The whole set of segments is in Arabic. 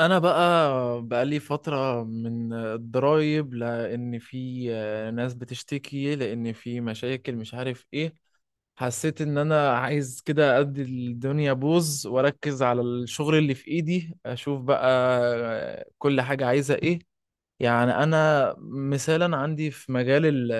انا بقى بقالي فترة من الضرايب لان في ناس بتشتكي، لان في مشاكل مش عارف ايه. حسيت ان انا عايز كده ادي الدنيا بوز واركز على الشغل اللي في ايدي، اشوف بقى كل حاجة عايزة ايه. يعني انا مثالا عندي في مجال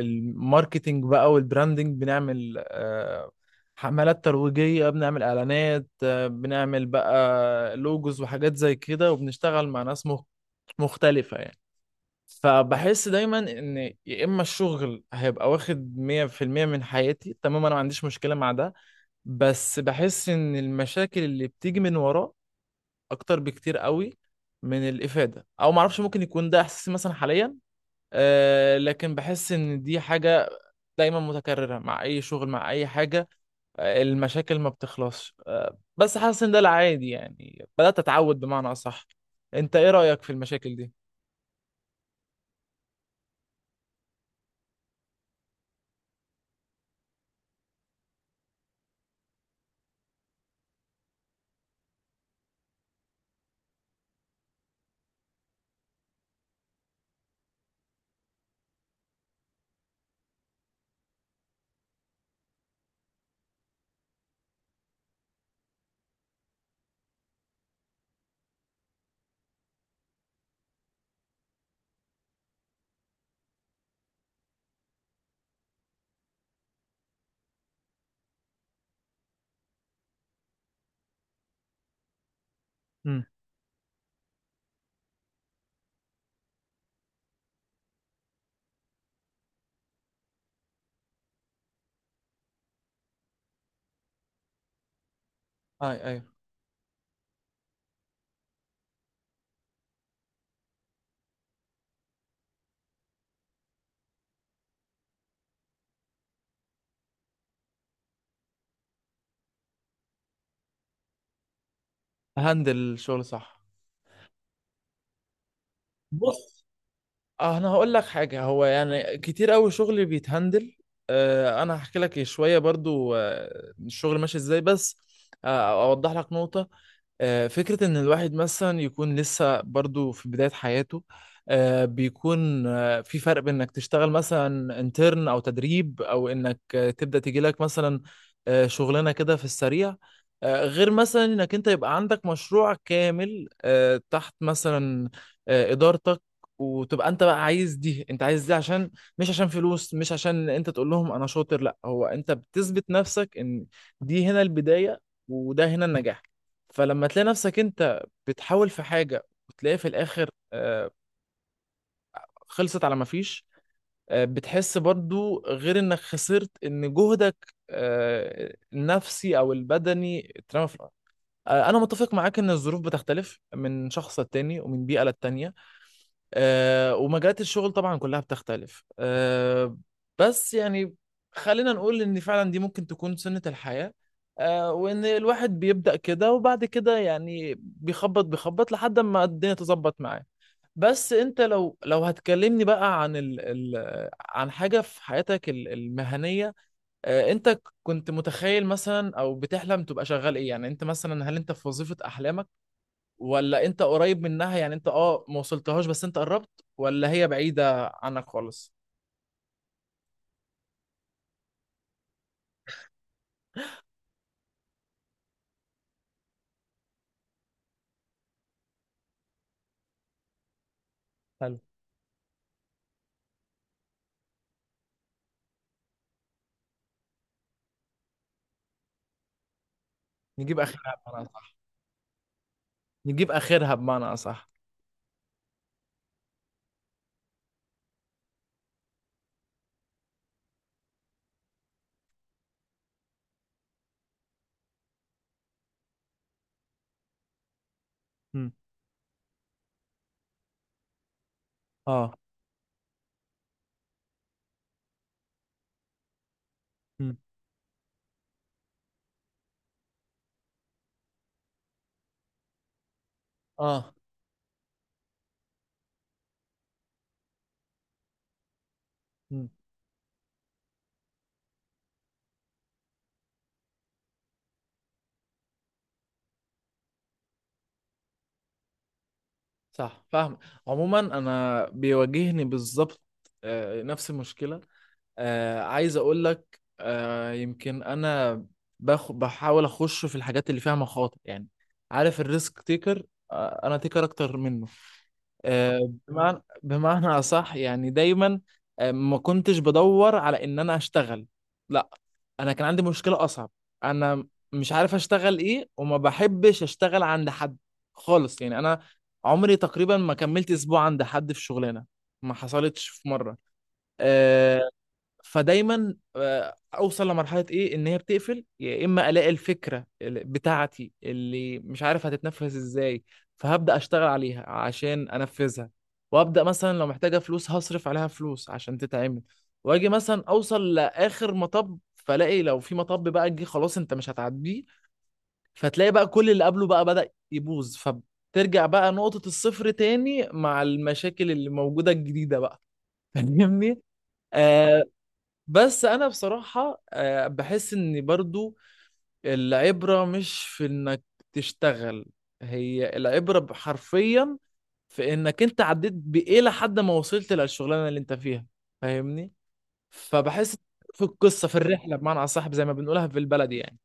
الماركتينج بقى والبراندنج، بنعمل حملات ترويجية، بنعمل اعلانات، بنعمل بقى لوجوز وحاجات زي كده، وبنشتغل مع ناس مختلفة يعني. فبحس دايما ان يا اما الشغل هيبقى واخد 100% من حياتي، تمام، انا ما عنديش مشكلة مع ده. بس بحس ان المشاكل اللي بتيجي من وراه اكتر بكتير قوي من الافاده، او معرفش، ممكن يكون ده احساسي مثلا حاليا. لكن بحس ان دي حاجة دايما متكررة مع اي شغل، مع اي حاجة. المشاكل ما بتخلصش، بس حاسس ان ده العادي، يعني بدأت اتعود بمعنى اصح. انت ايه رأيك في المشاكل دي؟ مم. اي اي، هندل الشغل صح. بص، اه انا هقول لك حاجه. هو يعني كتير قوي شغل بيتهندل. آه انا هحكي لك شويه برضو، الشغل ماشي ازاي بس. اوضح لك نقطه. فكره ان الواحد مثلا يكون لسه برضو في بدايه حياته، بيكون في فرق بين انك تشتغل مثلا انترن او تدريب، او انك تبدا تيجي لك مثلا شغلانه كده في السريع، غير مثلا انك انت يبقى عندك مشروع كامل تحت مثلا ادارتك. وتبقى انت بقى عايز دي، انت عايز دي عشان، مش عشان فلوس، مش عشان انت تقول لهم انا شاطر، لا، هو انت بتثبت نفسك ان دي هنا البداية، وده هنا النجاح. فلما تلاقي نفسك انت بتحاول في حاجة، وتلاقي في الاخر خلصت على ما فيش، بتحس برضو غير انك خسرت، ان جهدك النفسي او البدني اترمى في الارض. انا متفق معاك ان الظروف بتختلف من شخص للتاني، ومن بيئة للتانية، ومجالات الشغل طبعا كلها بتختلف، بس يعني خلينا نقول ان فعلا دي ممكن تكون سنة الحياة، وان الواحد بيبدأ كده، وبعد كده يعني بيخبط لحد ما الدنيا تظبط معاه. بس انت لو هتكلمني بقى عن ال ال عن حاجة في حياتك المهنية، انت كنت متخيل مثلا او بتحلم تبقى شغال ايه؟ يعني انت مثلا هل انت في وظيفة احلامك، ولا انت قريب منها؟ يعني انت ما وصلتهاش، بس انت قربت، ولا هي بعيدة عنك خالص؟ حلو. نجيب اخرها بمعنى نجيب اخرها بمعنى اصح. مم. اه. مم. اه. مم. صح، فاهم. عموما انا بيواجهني بالظبط نفس المشكلة. عايز اقول لك، يمكن انا بحاول اخش في الحاجات اللي فيها مخاطر، يعني عارف الريسك تيكر؟ انا تيكر اكتر منه، بمعنى اصح. يعني دايما ما كنتش بدور على ان انا اشتغل، لا، انا كان عندي مشكلة اصعب. انا مش عارف اشتغل ايه، وما بحبش اشتغل عند حد خالص. يعني انا عمري تقريبا ما كملت اسبوع عند حد في شغلانة، ما حصلتش في مرة. آه، فدايما اوصل لمرحله ايه، ان هي بتقفل، يا اما الاقي الفكره بتاعتي اللي مش عارف هتتنفذ ازاي، فهبدا اشتغل عليها عشان انفذها، وابدا مثلا لو محتاجه فلوس هصرف عليها فلوس عشان تتعمل، واجي مثلا اوصل لاخر مطب فلاقي لو في مطب بقى جه، خلاص، انت مش هتعديه. فتلاقي بقى كل اللي قبله بقى بدا يبوظ، فبترجع بقى نقطه الصفر تاني مع المشاكل اللي موجوده الجديده بقى. فاهمني؟ آه، بس انا بصراحة بحس ان برضو العبرة مش في انك تشتغل، هي العبرة حرفيا في انك انت عديت بايه لحد ما وصلت للشغلانة اللي انت فيها. فاهمني؟ فبحس في القصة، في الرحلة بمعنى اصح، زي ما بنقولها في البلد يعني.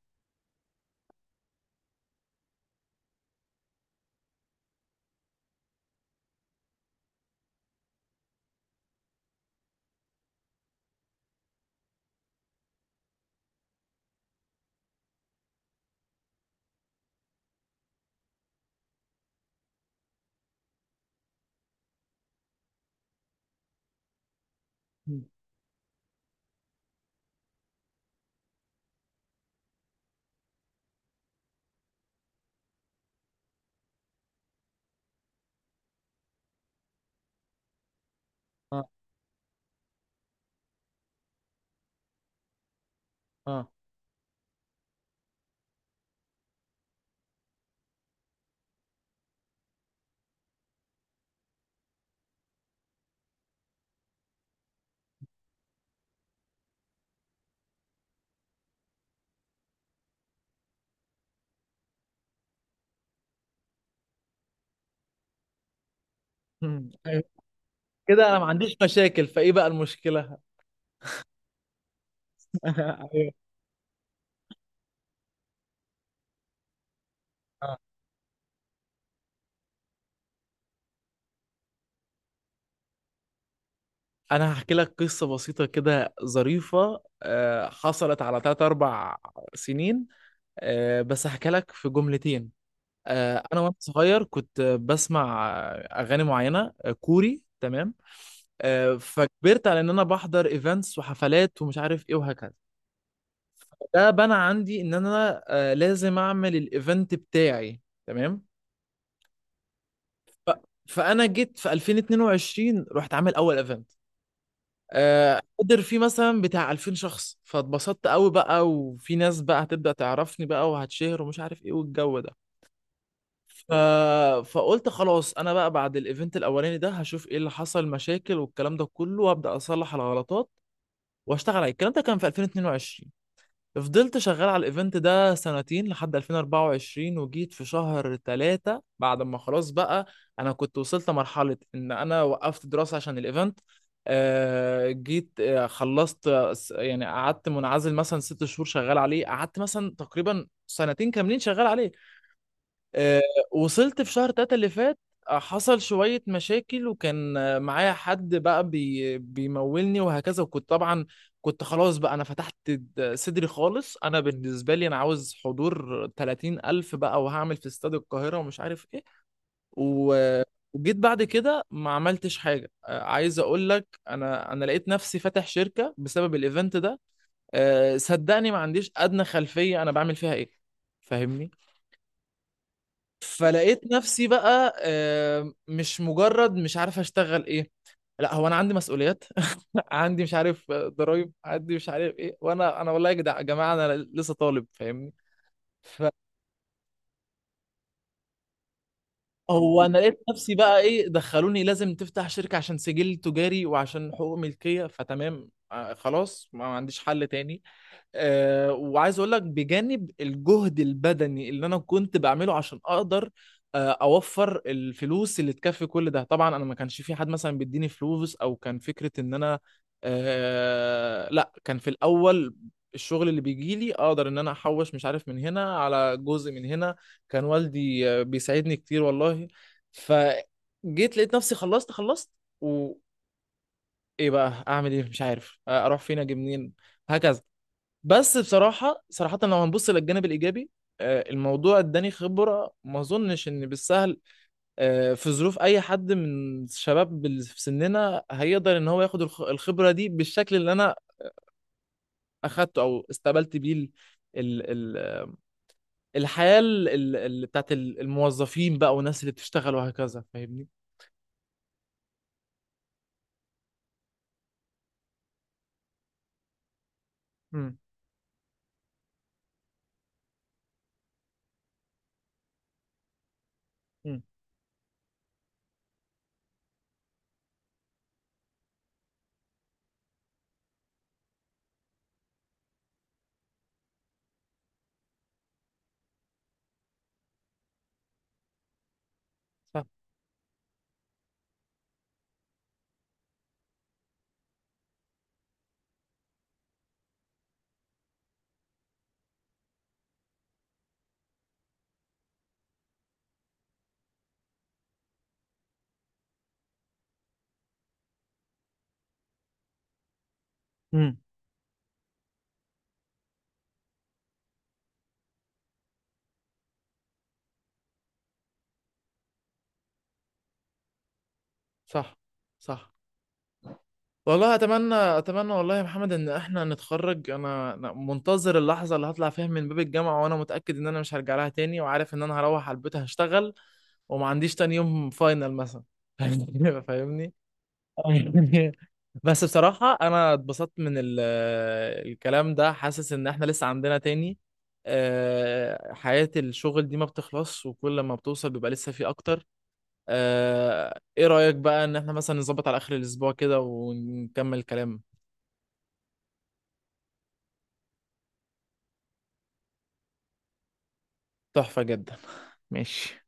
مم. اه. اه. مم. أيوة. كده انا ما عنديش مشاكل، فايه بقى المشكلة؟ ايوه. آه. انا هحكي لك قصة بسيطة كده ظريفة حصلت على 3 4 سنين، بس هحكي لك في جملتين. انا وانا صغير كنت بسمع اغاني معينه كوري، تمام؟ فكبرت على ان انا بحضر ايفنتس وحفلات ومش عارف ايه وهكذا. ده بنى عندي ان انا لازم اعمل الايفنت بتاعي، تمام. ف- فانا جيت في 2022 رحت عامل اول ايفنت قدر فيه مثلا بتاع 2000 شخص، فاتبسطت قوي بقى، وفي ناس بقى هتبدأ تعرفني بقى، وهتشهر ومش عارف ايه والجو ده. ف... فقلت خلاص، انا بقى بعد الايفنت الاولاني ده هشوف ايه اللي حصل مشاكل والكلام ده كله، وابدا اصلح الغلطات واشتغل عليه. الكلام ده كان في 2022، فضلت شغال على الايفنت ده سنتين لحد 2024، وجيت في شهر ثلاثة بعد ما خلاص بقى انا كنت وصلت مرحلة ان انا وقفت دراسة عشان الايفنت. جيت خلصت، يعني قعدت منعزل مثلا 6 شهور شغال عليه، قعدت مثلا تقريبا سنتين كاملين شغال عليه. آه، وصلت في شهر تلاتة اللي فات، حصل شوية مشاكل، وكان معايا حد بقى بيمولني وهكذا، وكنت طبعا كنت خلاص بقى أنا فتحت صدري خالص. أنا بالنسبة لي أنا عاوز حضور 30 ألف بقى، وهعمل في استاد القاهرة ومش عارف إيه. و- وجيت بعد كده ما عملتش حاجة. عايز أقول لك، أنا لقيت نفسي فاتح شركة بسبب الإيفنت ده. صدقني ما عنديش أدنى خلفية أنا بعمل فيها إيه. فاهمني؟ فلقيت نفسي بقى مش مجرد مش عارف اشتغل ايه، لا، هو انا عندي مسؤوليات. عندي مش عارف ضرايب، عندي مش عارف ايه. وانا والله يا يا جماعه، انا لسه طالب، فاهمني؟ فهو انا لقيت نفسي بقى ايه؟ دخلوني لازم تفتح شركه عشان سجل تجاري وعشان حقوق ملكيه، فتمام، خلاص، ما عنديش حل تاني. وعايز اقول لك، بجانب الجهد البدني اللي انا كنت بعمله عشان اقدر اوفر الفلوس اللي تكفي كل ده، طبعا انا ما كانش في حد مثلا بيديني فلوس، او كان فكرة ان انا لا، كان في الاول الشغل اللي بيجي لي اقدر ان انا احوش مش عارف من هنا على جزء من هنا. كان والدي بيساعدني كتير والله. فجيت لقيت نفسي خلصت. وايه بقى اعمل ايه؟ مش عارف اروح فين، اجي منين، هكذا. بس بصراحة صراحة، لو هنبص للجانب الإيجابي، الموضوع اداني خبرة ما أظنش إن بالسهل في ظروف أي حد من الشباب في سننا هيقدر إن هو ياخد الخبرة دي بالشكل اللي أنا أخدته، أو استقبلت بيه ال- ال- الحياة بتاعت الموظفين بقى والناس اللي بتشتغل وهكذا. فاهمني؟ امم. امم. صح. امم. صح. صح. والله اتمنى، اتمنى والله يا محمد ان احنا نتخرج. انا أنا منتظر اللحظه اللي هطلع فيها من باب الجامعه، وانا متاكد ان انا مش هرجع لها تاني، وعارف ان انا هروح على البيت هشتغل، وما عنديش تاني يوم فاينل مثلا. فاهمني؟ فاهمني؟ بس بصراحه انا اتبسطت من الكلام ده، حاسس ان احنا لسه عندنا تاني. حياه الشغل دي ما بتخلص، وكل ما بتوصل بيبقى لسه في اكتر. ايه رأيك بقى ان احنا مثلا نظبط على اخر الاسبوع كده ونكمل كلام؟ تحفة جدا. ماشي.